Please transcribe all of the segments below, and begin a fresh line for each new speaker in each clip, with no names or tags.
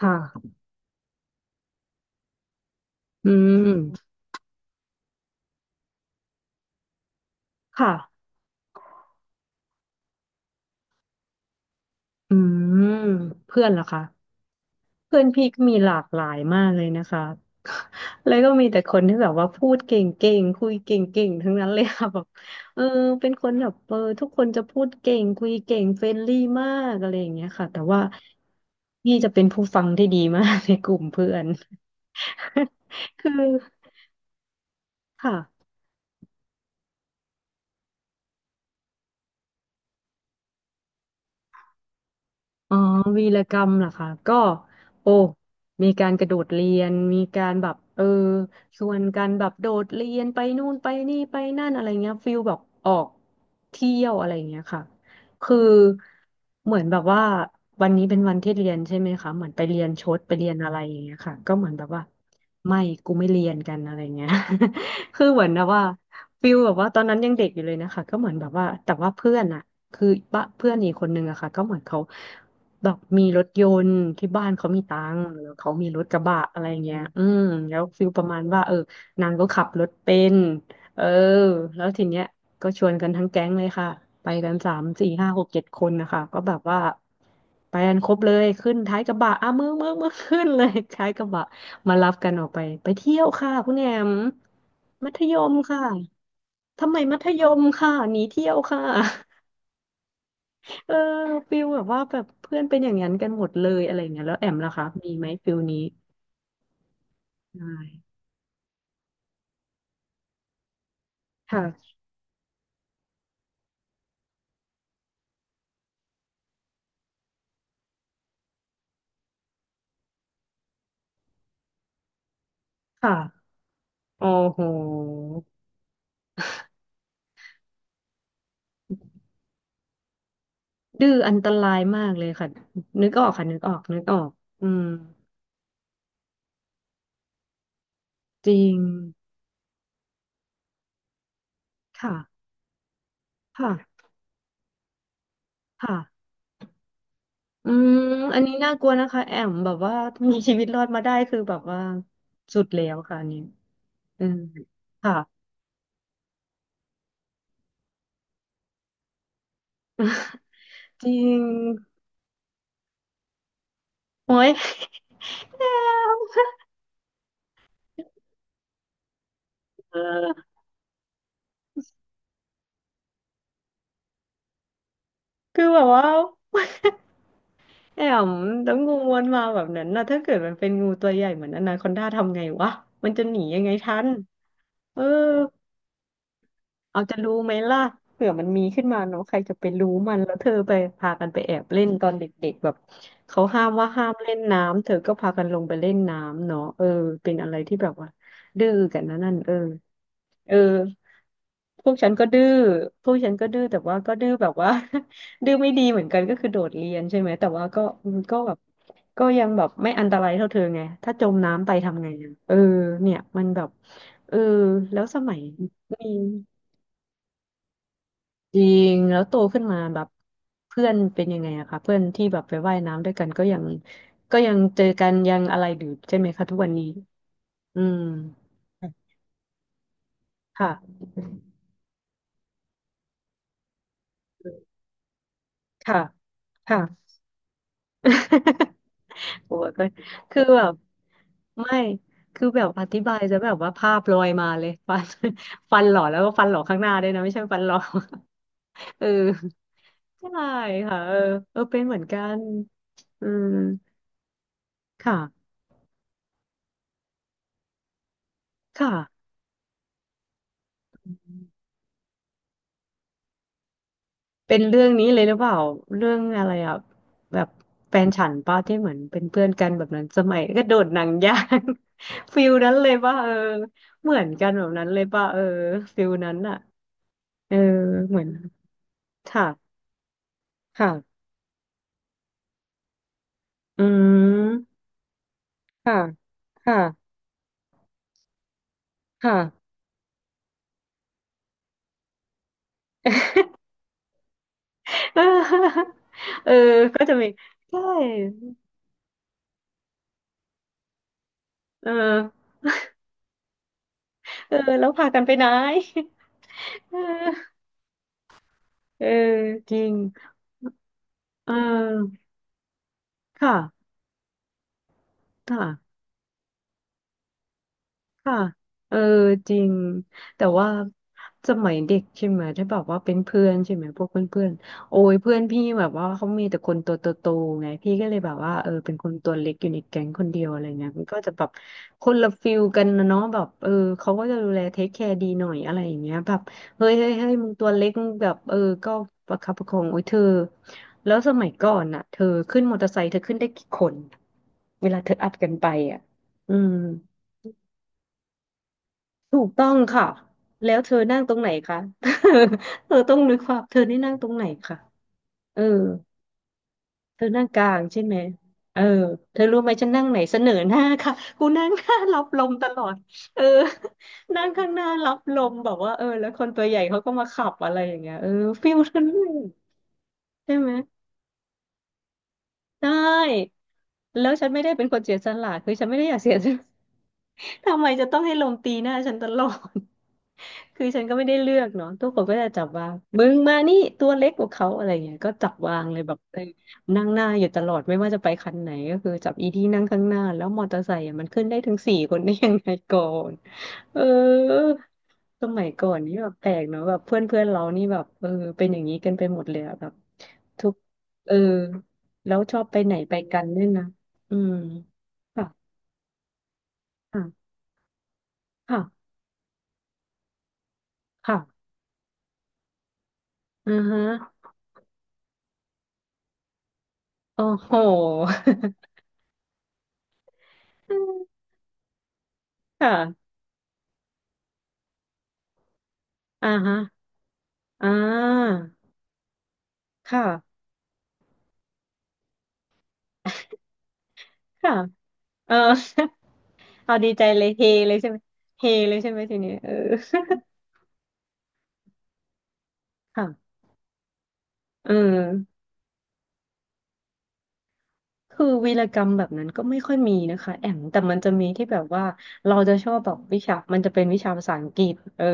ค่ะอืมค่ะอืมเพื่อนเหระคะเพื่อนพี่ก็มีหลากหลายมากเลยนะคะ แล้วก็มีแต่คนที่แบบว่าพูดเก่งๆคุยเก่งๆทั้งนั้นเลยค่ะ แบบเออเป็นคนแบบเออทุกคนจะพูดเก่งคุยเก่งเฟรนลี่มากอะไรอย่างเงี้ยค่ะแต่ว่าพี่จะเป็นผู้ฟังที่ดีมากในกลุ่มเพื่อน คือค่ะ อ๋อวีรกรรมเหรอคะก็โอ้มีการกระโดดเรียนมีการแบบเออชวนกันแบบโดดเรียนไปนู่นไปนี่ไปนั่นอะไรเงี้ยฟิลแบบออกเที่ยวอะไรเงี้ยค่ะคือเหมือนแบบว่าวันนี้เป็นวันที่เรียนใช่ไหมคะเหมือนไปเรียนชดไปเรียนอะไรอย่างเงี้ยค่ะก็เหมือนแบบว่าไม่กูไม่เรียนกันอะไรเงี้ย คือเหมือนแบบว่าฟิลแบบว่าตอนนั้นยังเด็กอยู่เลยนะคะก็เหมือนแบบว่าแต่ว่าเพื่อนอะคือบ้าเพื่อนอีกคนนึงอะค่ะก็เหมือนเขา แบบมีรถยนต์ที่บ้านเขามีตังค์แล้วเขามีรถกระบะอะไรเงี้ยอืมแล้วฟิลประมาณว่าเออนางก็ขับรถเป็นเออแล้วทีเนี้ยก็ชวนกันทั้งแก๊งเลยค่ะไปกันสามสี่ห้าหกเจ็ดคนนะคะก็แบบว่าไปกันครบเลยขึ้นท้ายกระบะอ่ะมึงมึงมึงขึ้นเลยท้ายกระบะมารับกันออกไปไปเที่ยวค่ะคุณแอมมัธยมค่ะทำไมมัธยมค่ะหนีเที่ยวค่ะ เออฟิลแบบว่าแบบเพื่อนเป็นอย่างนั้นกันหมดเลยอะไรอย่างเงี้ยแล้วแอมล่ะคะมีไหมฟิลนี้ใช่ค่ะค่ะโอ้โหดื้ออันตรายมากเลยค่ะนึกออกค่ะนึกออกนึกออกอืมจริงค่ะค่ะค่ะอืมอันนี้น่ากลัวนะคะแอมแบบว่ามีชีวิตรอดมาได้คือแบบว่าสุดแล้วค่ะอันนี้อืมค่ะ จริงโอ้ย แอม เออคือแบบว่า แอมแล้วงูมันมาแบบนั้นนะถ้าเกิดมันเป็นงูตัวใหญ่เหมือนอนาคอนดาทำไงวะมันจะหนียังไงทันเออ เอาจะรู้ไหมล่ะเผื่อมันมีขึ้นมาเนาะใครจะไปรู้มันแล้วเธอไปพากันไปแอบเล่นตอนเด็กๆแบบเขาห้ามว่าห้ามเล่นน้ำเธอก็พากันลงไปเล่นน้ำเนาะเออเป็นอะไรที่แบบว่าดื้อกันนะนั่นเออเออพวกฉันก็ดื้อพวกฉันก็ดื้อแต่ว่าก็ดื้อแบบว่า ดื้อไม่ดีเหมือนกันก็คือโดดเรียนใช่ไหมแต่ว่าก็ก็แบบก็ยังแบบไม่อันตรายเท่าเธอไงถ้าจมน้ำไปทำไงอะเออเนี่ยมันแบบเออแล้วสมัยมี จริงแล้วโตขึ้นมาแบบเพื่อนเป็นยังไงอะคะเพื่อนที่แบบไปว่ายน้ำด้วยกันก็ยังก็ยังเจอกันยังอะไรอยู่ใช่ไหมคะทุกวันนี้อืมค่ะค่ะค่ะ โอ้ก็คือแบบไม่คือแบบอธิบายจะแบบว่าภาพลอยมาเลยฟัน ฟันหล่อแล้วก็ฟันหล่อข้างหน้าด้วยนะไม่ใช่ฟันหล่อ เออใช่ค่ะเออเออเป็นเหมือนกันอืมค่ะค่ะ เป็นเรื่องนี้เลยหรือเปล่าเรื่องอะไรอ่ะแบบแฟนฉันป้าที่เหมือนเป็นเพื่อนกันแบบนั้นสมัยก็โดดหนังยาง ฟิลนั้นเลยป่ะเออเหมือนกันแบบนั้นเลยป่ะเออฟิลนั้นอ่ะเออเหมือนค่ะค่ะอืมค่ะค่ะค่ะ เออเออก็จะมีใช่เออเออแล้วพากันไปไหนเออเออจริงเออค่ะค่ะ ค่ะเออจริง แต่ว่าสมัยเด็กใช่ไหมถ้าแบบว่าเป็นเพื่อนใช่ไหมพวกเพื่อนๆโอ้ยเพื่อนพี่แบบว่าเขามีแต่คนตัวโตๆ ไงพี่ก็เลยแบบว่าเออเป็นคนตัวเล็กอยู่ในแก๊งคนเดียวอะไรเงี้ยมันก็จะแบบคนละฟิลกันนะเนาะแบบเออเขาก็จะดูแลเทคแคร์ดีหน่อยอะไรอย่างเงี้ยแบบเฮ้ยเฮ้ยเฮ้ยมึงตัวเล็กมึงแบบเออก็ประคับประคองโอ้ยเธอแล้วสมัยก่อนน่ะเธอขึ้นมอเตอร์ไซค์เธอขึ้นได้กี่คนเวลาเธออัดกันไปอ่ะอืม ถูกต้องค่ะแล้วเธอนั่งตรงไหนคะ เธอต้องนึกว่าเธอนี่นั่งตรงไหนค่ะเออเธอนั่งกลางใช่ไหมเออเธอรู้ไหมฉันนั่งไหนเสนอหน้าค่ะ กูนั่งหน้ารับลมตลอดเออ นั่งข้างหน้ารับลมแบบว่าเออแล้วคนตัวใหญ่เขาก็มาขับอะไรอย่างเงี้ยเออฟิลนั้นเลยใช่ไหมได้แล้วฉันไม่ได้เป็นคนเสียสละคือฉันไม่ได้อยากเสียสละ ทำไมจะต้องให้ลมตีหน้าฉันตลอด คือฉันก็ไม่ได้เลือกเนาะทุกคนก็จะจับวางมึงมานี่ตัวเล็กกว่าเขาอะไรเงี้ย ก็จับวางเลยแบบนั่งหน้าอยู่ตลอดไม่ว่าจะไปคันไหนก็คือจับอีที่นั่งข้างหน้าแล้วมอเตอร์ไซค์อะมันขึ้นได้ถึงสี่คนได้ยังไงก่อนเออสมัยก่อนนี่แบบแปลกเนาะแบบเพื่อนเพื่อนเรานี่แบบเป็นอย่างนี้กันไปหมดเลยอะแบบทุกเออแล้วชอบไปไหนไปกันด้วยนะอืมค่ะค่ะค่ะค่ะ อือฮะโอ้โห อืมค่ะอ่าฮะอ่าค่ะค่ะเออ เอาดีใจเลยเฮเลยใช่ไหมเฮเลยใช่ไหมทีนี้เออ ค่ะเออ คือวีรกรรมแบบนั้นก็ไม่ค่อยมีนะคะแอมแต่มันจะมีที่แบบว่าเราจะชอบแบบวิชามันจะเป็นวิชาภาษาอังกฤษ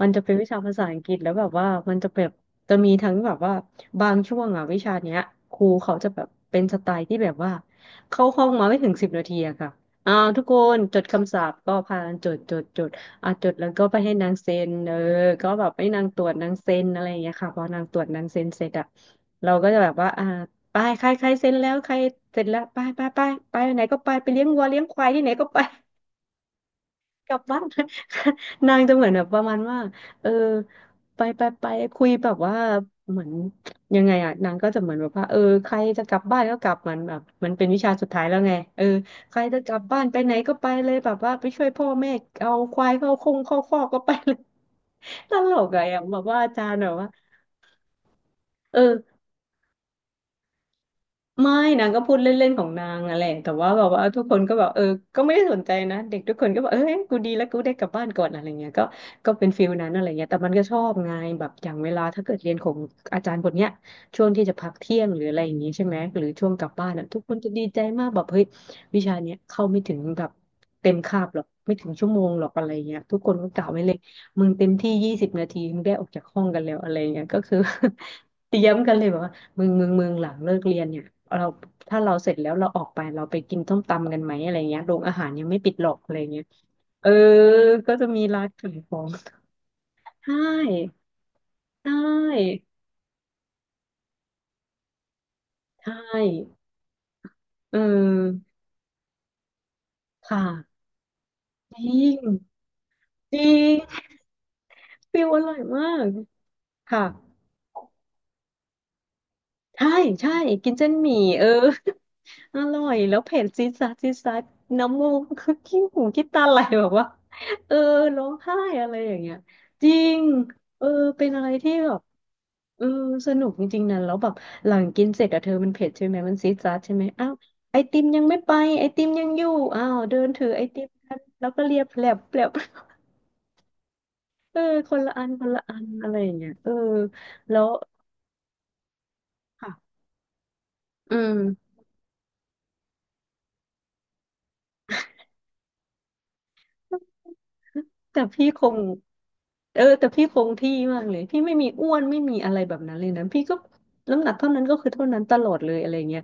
มันจะเป็นวิชาภาษาอังกฤษแล้วแบบว่ามันจะแบบจะมีทั้งแบบว่าบางช่วงอ่ะวิชาเนี้ยครูเขาจะแบบเป็นสไตล์ที่แบบว่าเข้าห้องมาไม่ถึงสิบนาทีอะค่ะอ่าทุกคนจดคำศัพท์ก็พากันจดจดจดอ่ะจดแล้วก็ไปให้นางเซ็นก็แบบให้นางตรวจนางเซ็นอะไรอย่างเงี้ยค่ะพอนางตรวจนางเซ็นเสร็จอะเราก็จะแบบว่าอ่า ไปใครใครเซ็นแล้วใครเสร็จแล้วไปไปไปไปไหนก็ไปไปเลี้ยงวัวเลี้ยงควายที่ไหนก็ไป กลับบ้าน นางจะเหมือนแบบประมาณว่าเออไปไปไปคุยแบบว่าเหมือนยังไงอ่ะนางก็จะเหมือนแบบว่าใครจะกลับบ้านก็กลับเหมันแบบมันเป็นวิชาสุดท้ายแล้วไงใครจะกลับบ้านไปไหนก็ไปเลยแบบว่าไปช่วยพ่อแม่เอาควายเข้าคงเข้าคอกก็ไปเลย ตลกอะอย่างแบบว่าอาจารย์แบบว่าเออ ไม่นางก็พูดเล่นๆของนางอะไรแต่ว่าแบบว่าทุกคนก็แบบก็ไม่ได้สนใจนะเด็กทุกคนก็บอกเอ้ยกูดีแล้วกูได้กลับบ้านก่อนอะไรเงี้ยก็ก็เป็นฟิลนั้นอะไรเงี้ยแต่มันก็ชอบไงแบบอย่างเวลาถ้าเกิดเรียนของอาจารย์คนเนี้ยช่วงที่จะพักเที่ยงหรืออะไรอย่างงี้ใช่ไหมหรือช่วงกลับบ้านอ่ะทุกคนจะดีใจมากแบบเฮ้ยวิชาเนี้ยเข้าไม่ถึงแบบเต็มคาบหรอกไม่ถึงชั่วโมงหรอกอะไรเงี้ยทุกคนก็กล่าวไว้เลยมึงเต็มที่20 นาทีมึงได้ออกจากห้องกันแล้วอะไรเงี้ยก็คือ เตรียมกันเลยแบบว่า มึงหลังเลิกเรียนเนี่ยเราถ้าเราเสร็จแล้วเราออกไปเราไปกินส้มตำกันไหมอะไรเงี้ยโรงอาหารยังไม่ปิดหรอกอะไรเงี้ยเออก็จะมีร้านขายของใช่ใช่ใช่เออค่ะจริงจริงฟิลอร่อยมากค่ะใช่ใช่กินเส้นหมี่เออ อร่อยแล้วเผ็ดจี๊ดจ๊าดจี๊ดจ๊าดน้ำมูก คือขี้หูขี้ตาไหลแบบว่าเออร้องไห้อะไรอย่างเงี้ยจริงเออเป็นอะไรที่แบบเออสนุกจริงๆนะแล้วแบบหลังกินเสร็จอะเธอมันเผ็ดใช่ไหมมันซี๊ดจ๊าดใช่ไหมอ้าวไอติมยังไม่ไปไอติมยังอยู่อ้าวเดินถือไอติมกันแล้วก็เรียบแผลบแผลบ เออคนละอันคนละอันอะไรอย่างเงี้ยเออแล้วค่ะอืม แต่พี่คงเออแต่พี่คงที่มากเลยพี่ไม่มีอ้วนไม่มีอะไรแบบนั้นเลยนะพี่ก็น้ำหนักเท่านั้นก็คือเท่านั้นตลอดเลยอะไรเงี้ย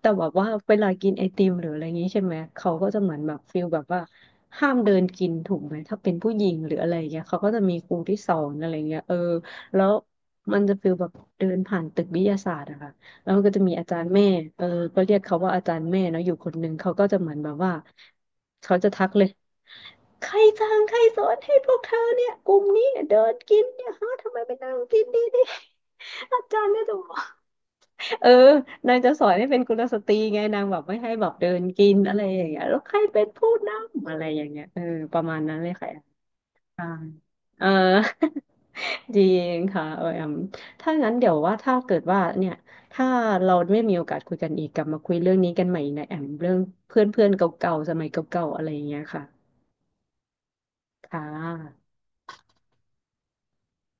แต่แบบว่าเวลากินไอติมหรืออะไรอย่างงี้ใช่ไหมเขาก็จะเหมือนแบบฟิลแบบว่าห้ามเดินกินถูกไหมถ้าเป็นผู้หญิงหรืออะไรเงี้ยเขาก็จะมีครูที่สอนอะไรเงี้ยแล้วมันจะฟิลแบบเดินผ่านตึกวิทยาศาสตร์อะค่ะแล้วมันก็จะมีอาจารย์แม่เออก็เรียกเขาว่าอาจารย์แม่เนาะอยู่คนหนึ่งเขาก็จะเหมือนแบบว่าเขาจะทักเลย ใครสั่งใครสอนให้พวกเธอเนี่ยกลุ่มนี้เนี่ยเดินกินเนี่ยฮะทำไมไปนั่งกินดีดี อาจารย์ก็จะบอกเออนางจะสอนให้เป็นกุลสตรีไงนางแบบไม่ให้แบบเดินกินอะไรอย่างเงี้ยแล้วใครเป็นผู้นำอะไรอย่างเงี้ยเออประมาณนั้นเลยค่ะใช่เออ จริงค่ะเออแอมถ้างั้นเดี๋ยวว่าถ้าเกิดว่าเนี่ยถ้าเราไม่มีโอกาสคุยกันอีกกลับมาคุยเรื่องนี้กันใหม่นะแอมเรื่องเพื่อนเพื่อนเก่าๆสมัยเก่าๆอะไรอย่างเงี้ยค่ะค่ะ